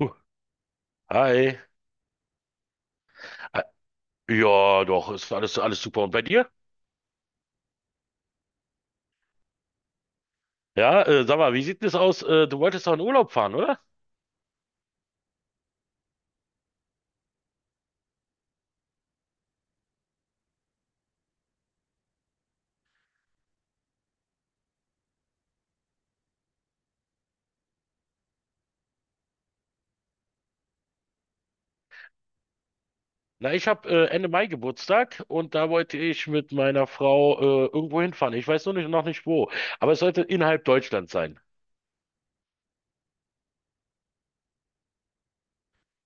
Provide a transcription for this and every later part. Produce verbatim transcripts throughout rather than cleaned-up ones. Huh, hi. Ah, Ja, doch, ist alles, alles super. Und bei dir? Ja, äh, sag mal, wie sieht denn das aus? Äh, du wolltest doch in Urlaub fahren, oder? Na, ich habe äh, Ende Mai Geburtstag und da wollte ich mit meiner Frau äh, irgendwo hinfahren. Ich weiß nur nicht, noch nicht wo. Aber es sollte innerhalb Deutschland sein.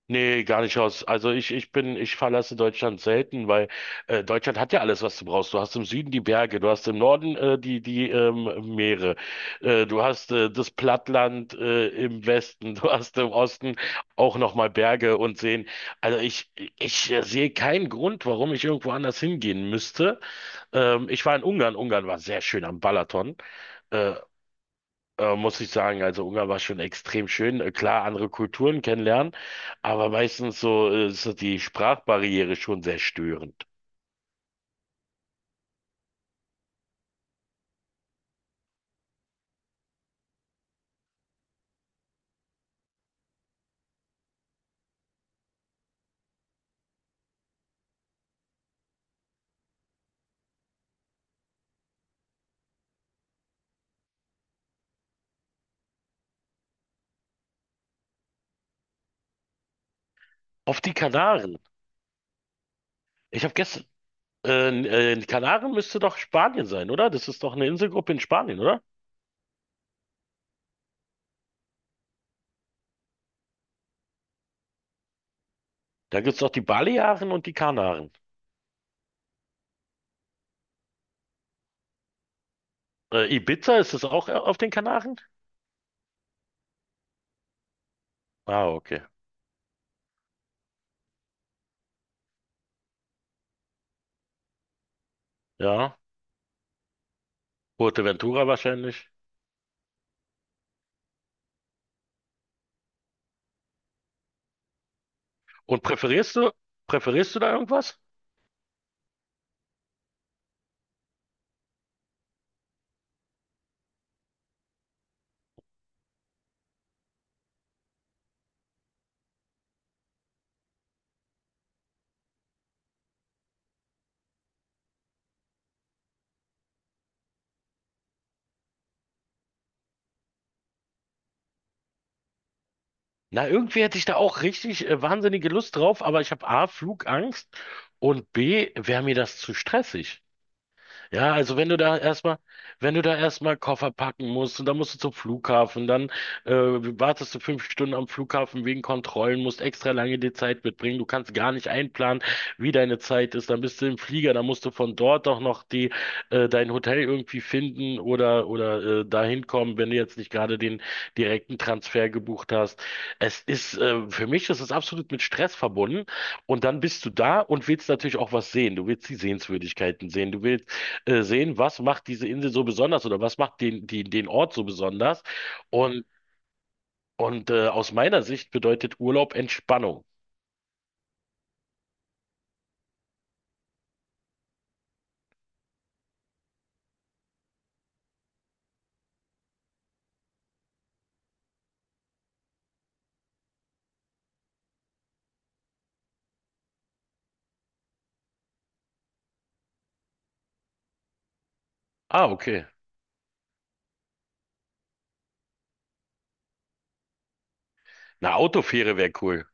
Nee, gar nicht aus. Also ich, ich bin, ich verlasse Deutschland selten, weil äh, Deutschland hat ja alles, was du brauchst. Du hast im Süden die Berge, du hast im Norden äh, die, die ähm, Meere, äh, du hast äh, das Plattland äh, im Westen, du hast im Osten auch nochmal Berge und Seen. Also ich, ich äh, sehe keinen Grund, warum ich irgendwo anders hingehen müsste. Ähm, ich war in Ungarn. Ungarn war sehr schön am Balaton. Äh, äh, Muss ich sagen, also Ungarn war schon extrem schön. Äh, Klar, andere Kulturen kennenlernen, aber meistens so äh, ist so die Sprachbarriere schon sehr störend. Auf die Kanaren. Ich habe gestern, äh, äh, Die Kanaren müsste doch Spanien sein, oder? Das ist doch eine Inselgruppe in Spanien, oder? Da gibt's doch die Balearen und die Kanaren. Äh, Ibiza, ist das auch äh, auf den Kanaren? Ah, okay. Ja. Fuerteventura wahrscheinlich. Und präferierst du, präferierst du da irgendwas? Na, irgendwie hätte ich da auch richtig äh, wahnsinnige Lust drauf, aber ich habe A, Flugangst und B, wäre mir das zu stressig. Ja, also wenn du da erstmal, wenn du da erstmal Koffer packen musst und dann musst du zum Flughafen, dann äh, wartest du fünf Stunden am Flughafen wegen Kontrollen, musst extra lange die Zeit mitbringen, du kannst gar nicht einplanen, wie deine Zeit ist, dann bist du im Flieger, dann musst du von dort auch noch die äh, dein Hotel irgendwie finden oder oder äh, dahin kommen, wenn du jetzt nicht gerade den direkten Transfer gebucht hast. Es ist äh, Für mich ist es absolut mit Stress verbunden und dann bist du da und willst natürlich auch was sehen. Du willst die Sehenswürdigkeiten sehen, du willst äh, sehen, was macht diese Insel so besonders oder was macht den, den, den Ort so besonders. Und, und äh, aus meiner Sicht bedeutet Urlaub Entspannung. Ah, okay. Eine Autofähre wäre cool.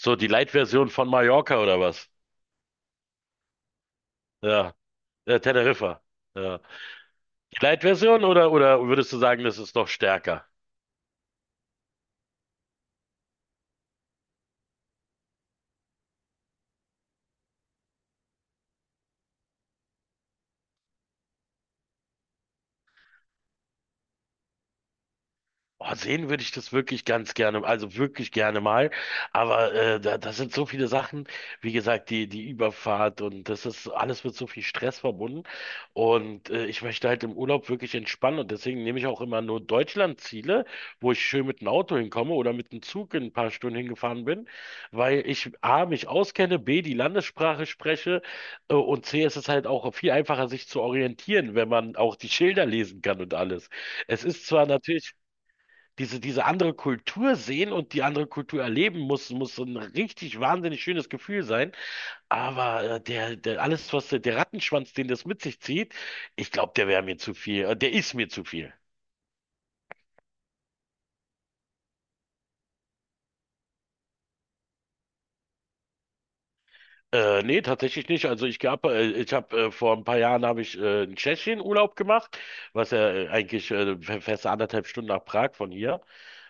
So die Light-Version von Mallorca oder was? Ja, äh, Teneriffa. Ja. Die Light-Version oder, oder würdest du sagen, das ist noch stärker? Oh, sehen würde ich das wirklich ganz gerne, also wirklich gerne mal. Aber äh, da, das sind so viele Sachen, wie gesagt, die, die Überfahrt und das ist alles mit so viel Stress verbunden. Und äh, ich möchte halt im Urlaub wirklich entspannen und deswegen nehme ich auch immer nur Deutschlandziele, wo ich schön mit dem Auto hinkomme oder mit dem Zug in ein paar Stunden hingefahren bin, weil ich A, mich auskenne, B, die Landessprache spreche äh, und C, es ist halt auch viel einfacher, sich zu orientieren, wenn man auch die Schilder lesen kann und alles. Es ist zwar natürlich diese, diese andere Kultur sehen und die andere Kultur erleben muss, muss so ein richtig wahnsinnig schönes Gefühl sein. Aber äh, der, der, alles, was der, der Rattenschwanz, den das mit sich zieht, ich glaube, der wäre mir zu viel. Äh, Der ist mir zu viel. Äh, nee, tatsächlich nicht. Also ich gab, äh, ich habe äh, vor ein paar Jahren habe ich äh, in Tschechien Urlaub gemacht, was ja äh, eigentlich äh, fe- fast anderthalb Stunden nach Prag von hier.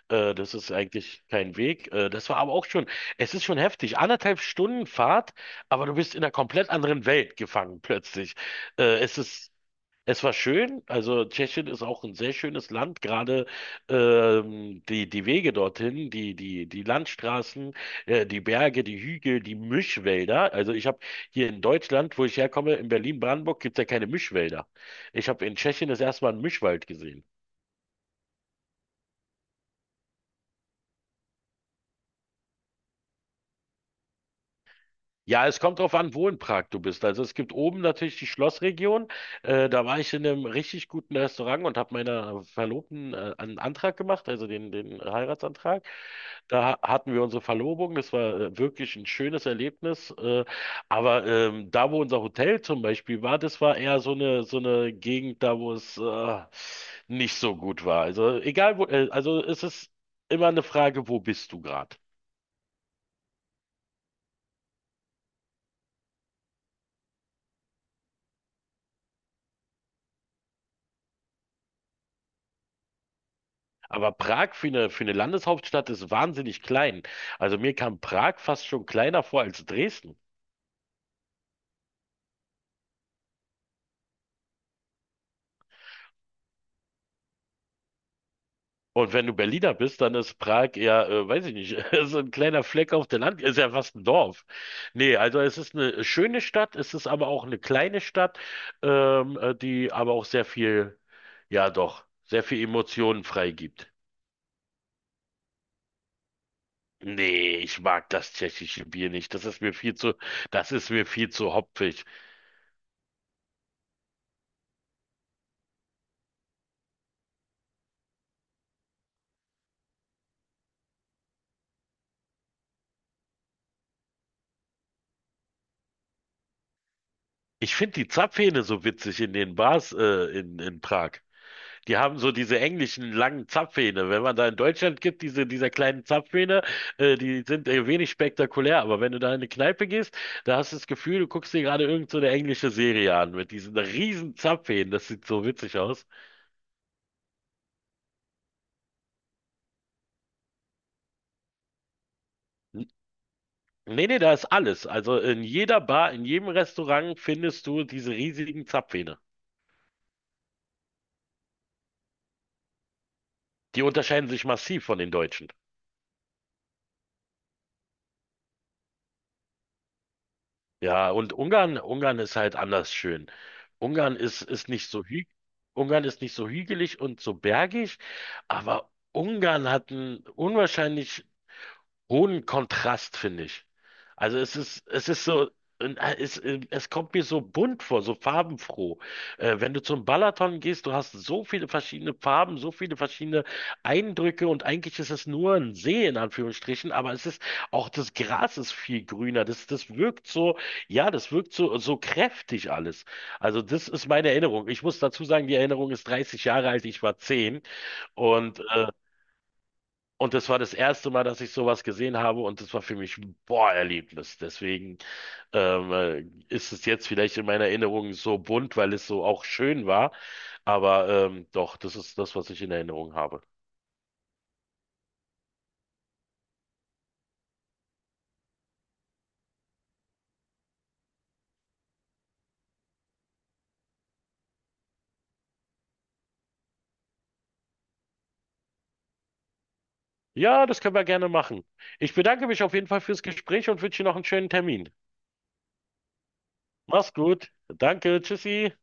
Äh, das ist eigentlich kein Weg. Äh, das war aber auch schon, es ist schon heftig. Anderthalb Stunden Fahrt, aber du bist in einer komplett anderen Welt gefangen plötzlich. Äh, es ist Es war schön, also Tschechien ist auch ein sehr schönes Land, gerade ähm, die, die Wege dorthin, die, die, die Landstraßen, äh, die Berge, die Hügel, die Mischwälder. Also ich habe hier in Deutschland, wo ich herkomme, in Berlin-Brandenburg, gibt es ja keine Mischwälder. Ich habe in Tschechien das erste Mal einen Mischwald gesehen. Ja, es kommt drauf an, wo in Prag du bist. Also es gibt oben natürlich die Schlossregion. Äh, da war ich in einem richtig guten Restaurant und habe meiner Verlobten äh, einen Antrag gemacht, also den, den Heiratsantrag. Da hatten wir unsere Verlobung. Das war äh, wirklich ein schönes Erlebnis. Äh, aber ähm, da, wo unser Hotel zum Beispiel war, das war eher so eine so eine Gegend, da wo es äh, nicht so gut war. Also egal wo, äh, also es ist immer eine Frage, wo bist du gerade? Aber Prag für eine, für eine Landeshauptstadt ist wahnsinnig klein. Also mir kam Prag fast schon kleiner vor als Dresden. Und wenn du Berliner bist, dann ist Prag eher, äh, weiß ich nicht, so ein kleiner Fleck auf der Land, ist ja fast ein Dorf. Nee, also es ist eine schöne Stadt, es ist aber auch eine kleine Stadt, ähm, äh, die aber auch sehr viel, ja doch, sehr viel Emotionen freigibt. Nee, ich mag das tschechische Bier nicht. Das ist mir viel zu, das ist mir viel zu hopfig. Ich finde die Zapfhähne so witzig in den Bars äh, in, in Prag. Die haben so diese englischen langen Zapfhähne. Wenn man da in Deutschland gibt, diese dieser kleinen Zapfhähne, äh, die sind äh, wenig spektakulär. Aber wenn du da in eine Kneipe gehst, da hast du das Gefühl, du guckst dir gerade irgend so eine englische Serie an mit diesen riesen Zapfhähnen. Das sieht so witzig aus. N- Nee, nee, da ist alles. Also in jeder Bar, in jedem Restaurant findest du diese riesigen Zapfhähne. Die unterscheiden sich massiv von den Deutschen. Ja, und Ungarn, Ungarn ist halt anders schön. Ungarn ist, ist nicht so hü Ungarn ist nicht so hügelig und so bergig, aber Ungarn hat einen unwahrscheinlich hohen Kontrast, finde ich. Also es ist, es ist so, und, äh, es, äh, es kommt mir so bunt vor, so farbenfroh. Äh, wenn du zum Balaton gehst, du hast so viele verschiedene Farben, so viele verschiedene Eindrücke und eigentlich ist es nur ein See in Anführungsstrichen, aber es ist auch das Gras ist viel grüner. Das, das wirkt so, ja, das wirkt so, so kräftig alles. Also das ist meine Erinnerung. Ich muss dazu sagen, die Erinnerung ist dreißig Jahre alt, ich war zehn und äh, und das war das erste Mal, dass ich sowas gesehen habe und das war für mich ein Boah-Erlebnis. Deswegen ähm, äh, ist es jetzt vielleicht in meiner Erinnerung so bunt, weil es so auch schön war. Aber ähm, doch, das ist das, was ich in Erinnerung habe. Ja, das können wir gerne machen. Ich bedanke mich auf jeden Fall fürs Gespräch und wünsche dir noch einen schönen Termin. Mach's gut. Danke. Tschüssi.